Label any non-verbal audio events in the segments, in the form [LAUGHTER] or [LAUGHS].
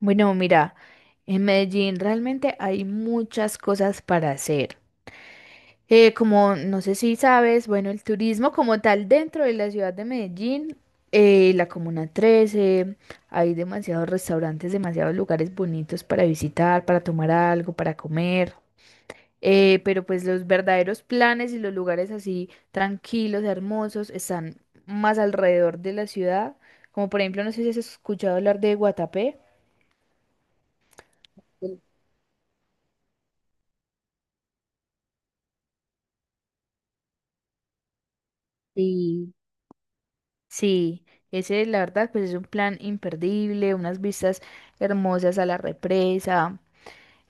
Bueno, mira, en Medellín realmente hay muchas cosas para hacer. Como no sé si sabes, bueno, el turismo como tal dentro de la ciudad de Medellín, la Comuna 13, hay demasiados restaurantes, demasiados lugares bonitos para visitar, para tomar algo, para comer. Pero pues los verdaderos planes y los lugares así tranquilos, hermosos, están más alrededor de la ciudad. Como por ejemplo, no sé si has escuchado hablar de Guatapé. Sí, sí, ese la verdad pues es un plan imperdible, unas vistas hermosas a la represa.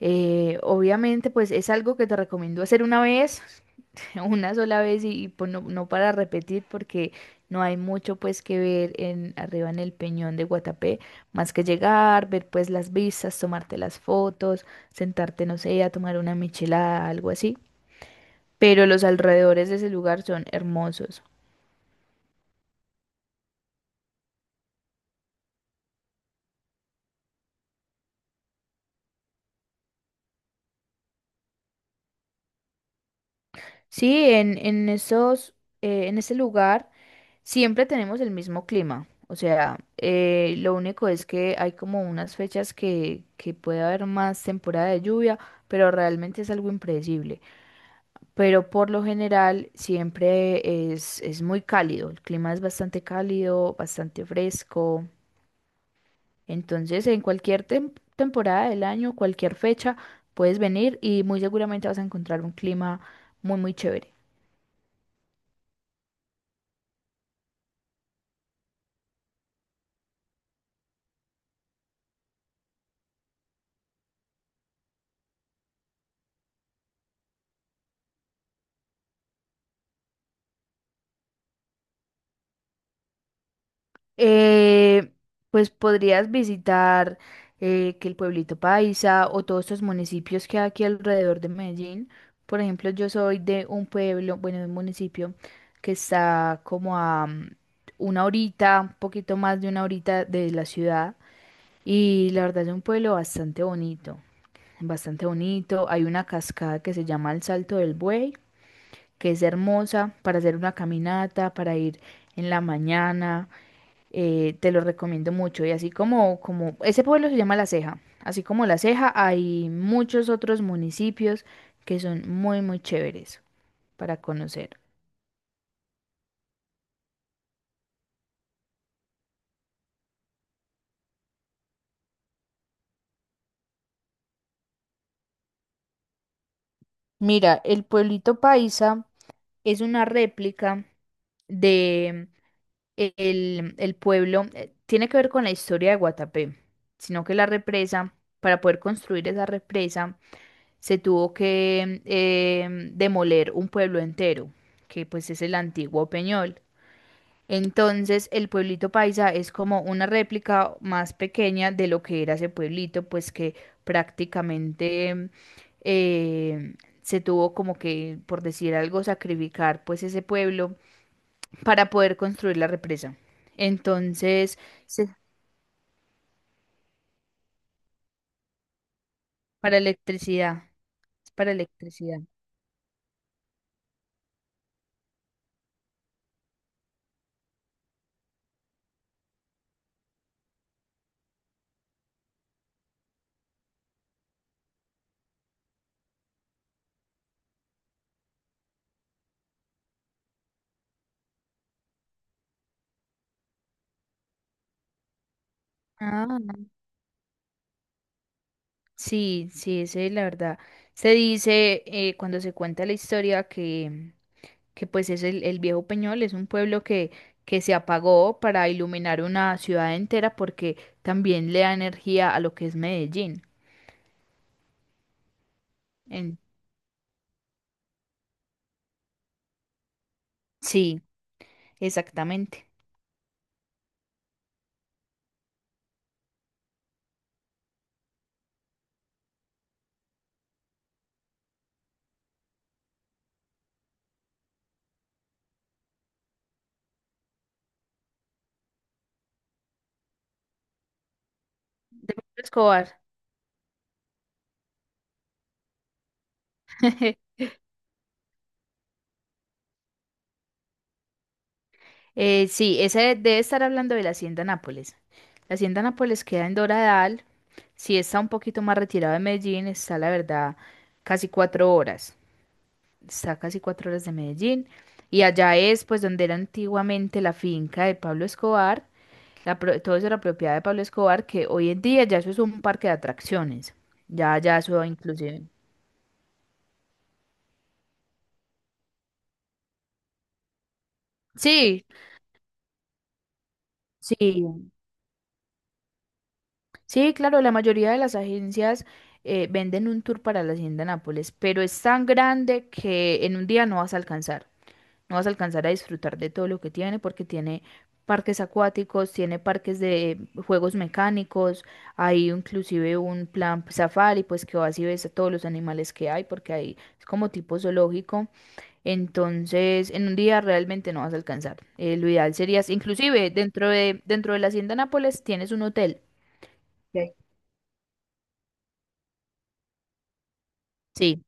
Obviamente pues es algo que te recomiendo hacer una vez, [LAUGHS] una sola vez y pues no, no para repetir porque no hay mucho pues que ver en arriba en el Peñón de Guatapé, más que llegar, ver pues las vistas, tomarte las fotos, sentarte no sé, a tomar una michelada, algo así. Pero los alrededores de ese lugar son hermosos. Sí, en esos, en ese lugar. Siempre tenemos el mismo clima, o sea, lo único es que hay como unas fechas que puede haber más temporada de lluvia, pero realmente es algo impredecible. Pero por lo general siempre es muy cálido, el clima es bastante cálido, bastante fresco. Entonces, en cualquier temporada del año, cualquier fecha, puedes venir y muy seguramente vas a encontrar un clima muy, muy chévere. Eh, pues podrías visitar que el pueblito Paisa o todos estos municipios que hay aquí alrededor de Medellín. Por ejemplo, yo soy de un pueblo, bueno, de un municipio que está como a una horita, un poquito más de una horita de la ciudad. Y la verdad es un pueblo bastante bonito, bastante bonito. Hay una cascada que se llama el Salto del Buey, que es hermosa para hacer una caminata, para ir en la mañana te lo recomiendo mucho. Y así como ese pueblo se llama La Ceja. Así como La Ceja, hay muchos otros municipios que son muy, muy chéveres para conocer. Mira, el pueblito Paisa es una réplica de el pueblo, tiene que ver con la historia de Guatapé, sino que la represa, para poder construir esa represa, se tuvo que demoler un pueblo entero, que pues es el antiguo Peñol. Entonces, el pueblito paisa es como una réplica más pequeña de lo que era ese pueblito, pues que prácticamente eh, se tuvo como que, por decir algo, sacrificar pues ese pueblo para poder construir la represa. Entonces, se- para electricidad, es para electricidad. Ah, sí, sí, ese, la verdad. Se dice cuando se cuenta la historia que pues es el Viejo Peñol, es un pueblo que se apagó para iluminar una ciudad entera porque también le da energía a lo que es Medellín. En- sí, exactamente. De Pablo Escobar. [LAUGHS] Sí, esa debe estar hablando de la Hacienda Nápoles. La Hacienda Nápoles queda en Doradal, sí está un poquito más retirado de Medellín, está la verdad casi cuatro horas, está casi cuatro horas de Medellín. Y allá es pues donde era antiguamente la finca de Pablo Escobar. Todo eso era propiedad de Pablo Escobar, que hoy en día ya eso es un parque de atracciones. Ya, ya eso inclusive. Sí, sí, sí, claro, la mayoría de las agencias venden un tour para la Hacienda Nápoles, pero es tan grande que en un día no vas a alcanzar. No vas a alcanzar a disfrutar de todo lo que tiene porque tiene parques acuáticos, tiene parques de juegos mecánicos, hay inclusive un plan safari, pues que vas y ves a todos los animales que hay porque hay, es como tipo zoológico. Entonces, en un día realmente no vas a alcanzar. Lo ideal sería, inclusive dentro de la Hacienda Nápoles tienes un hotel. Ok. Sí,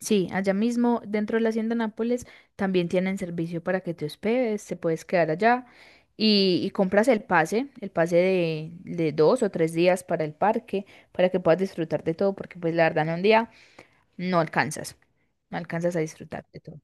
sí, allá mismo dentro de la Hacienda Nápoles también tienen servicio para que te hospedes, te puedes quedar allá y compras el pase de dos o tres días para el parque, para que puedas disfrutar de todo, porque pues la verdad en un día no alcanzas, no alcanzas a disfrutar de todo.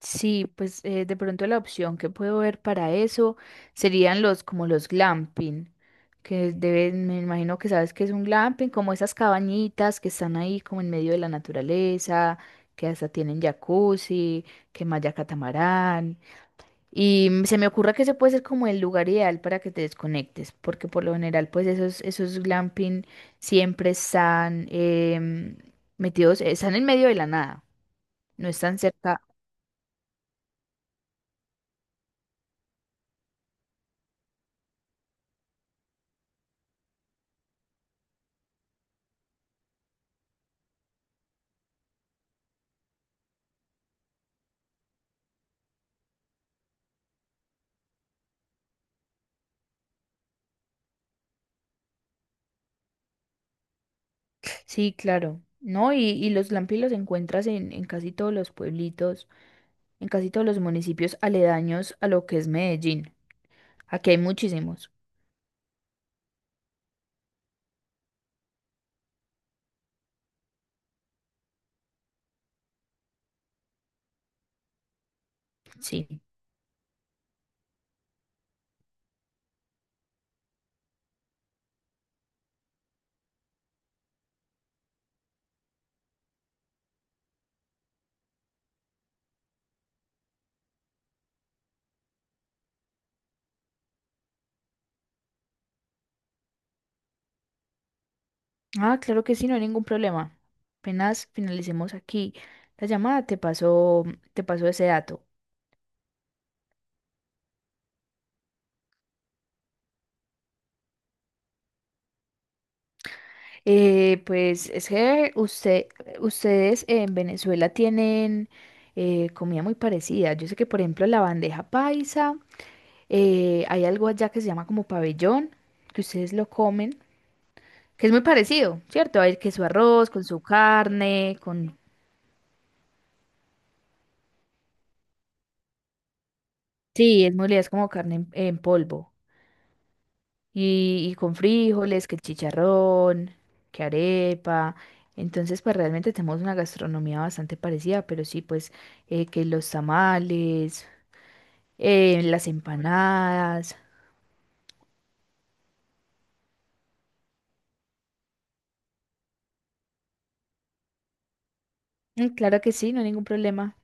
Sí, pues de pronto la opción que puedo ver para eso serían los como los glamping, que deben, me imagino que sabes que es un glamping, como esas cabañitas que están ahí como en medio de la naturaleza, que hasta tienen jacuzzi, que malla catamarán. Y se me ocurre que ese puede ser como el lugar ideal para que te desconectes, porque por lo general pues esos glamping siempre están em, metidos, están en medio de la nada, no están cerca. Sí, claro. No, y los lampi los encuentras en casi todos los pueblitos, en casi todos los municipios aledaños a lo que es Medellín. Aquí hay muchísimos. Sí. Ah, claro que sí, no hay ningún problema. Apenas finalicemos aquí la llamada, te pasó ese dato. Pues es que ustedes en Venezuela tienen comida muy parecida. Yo sé que, por ejemplo, la bandeja paisa. Hay algo allá que se llama como pabellón, que ustedes lo comen, que es muy parecido, ¿cierto? Hay que su arroz, con su carne, con... Sí, es muy es como carne en polvo. Y con frijoles, que el chicharrón, que arepa. Entonces, pues realmente tenemos una gastronomía bastante parecida, pero sí, pues que los tamales, las empanadas. Mm, claro que sí, no hay ningún problema.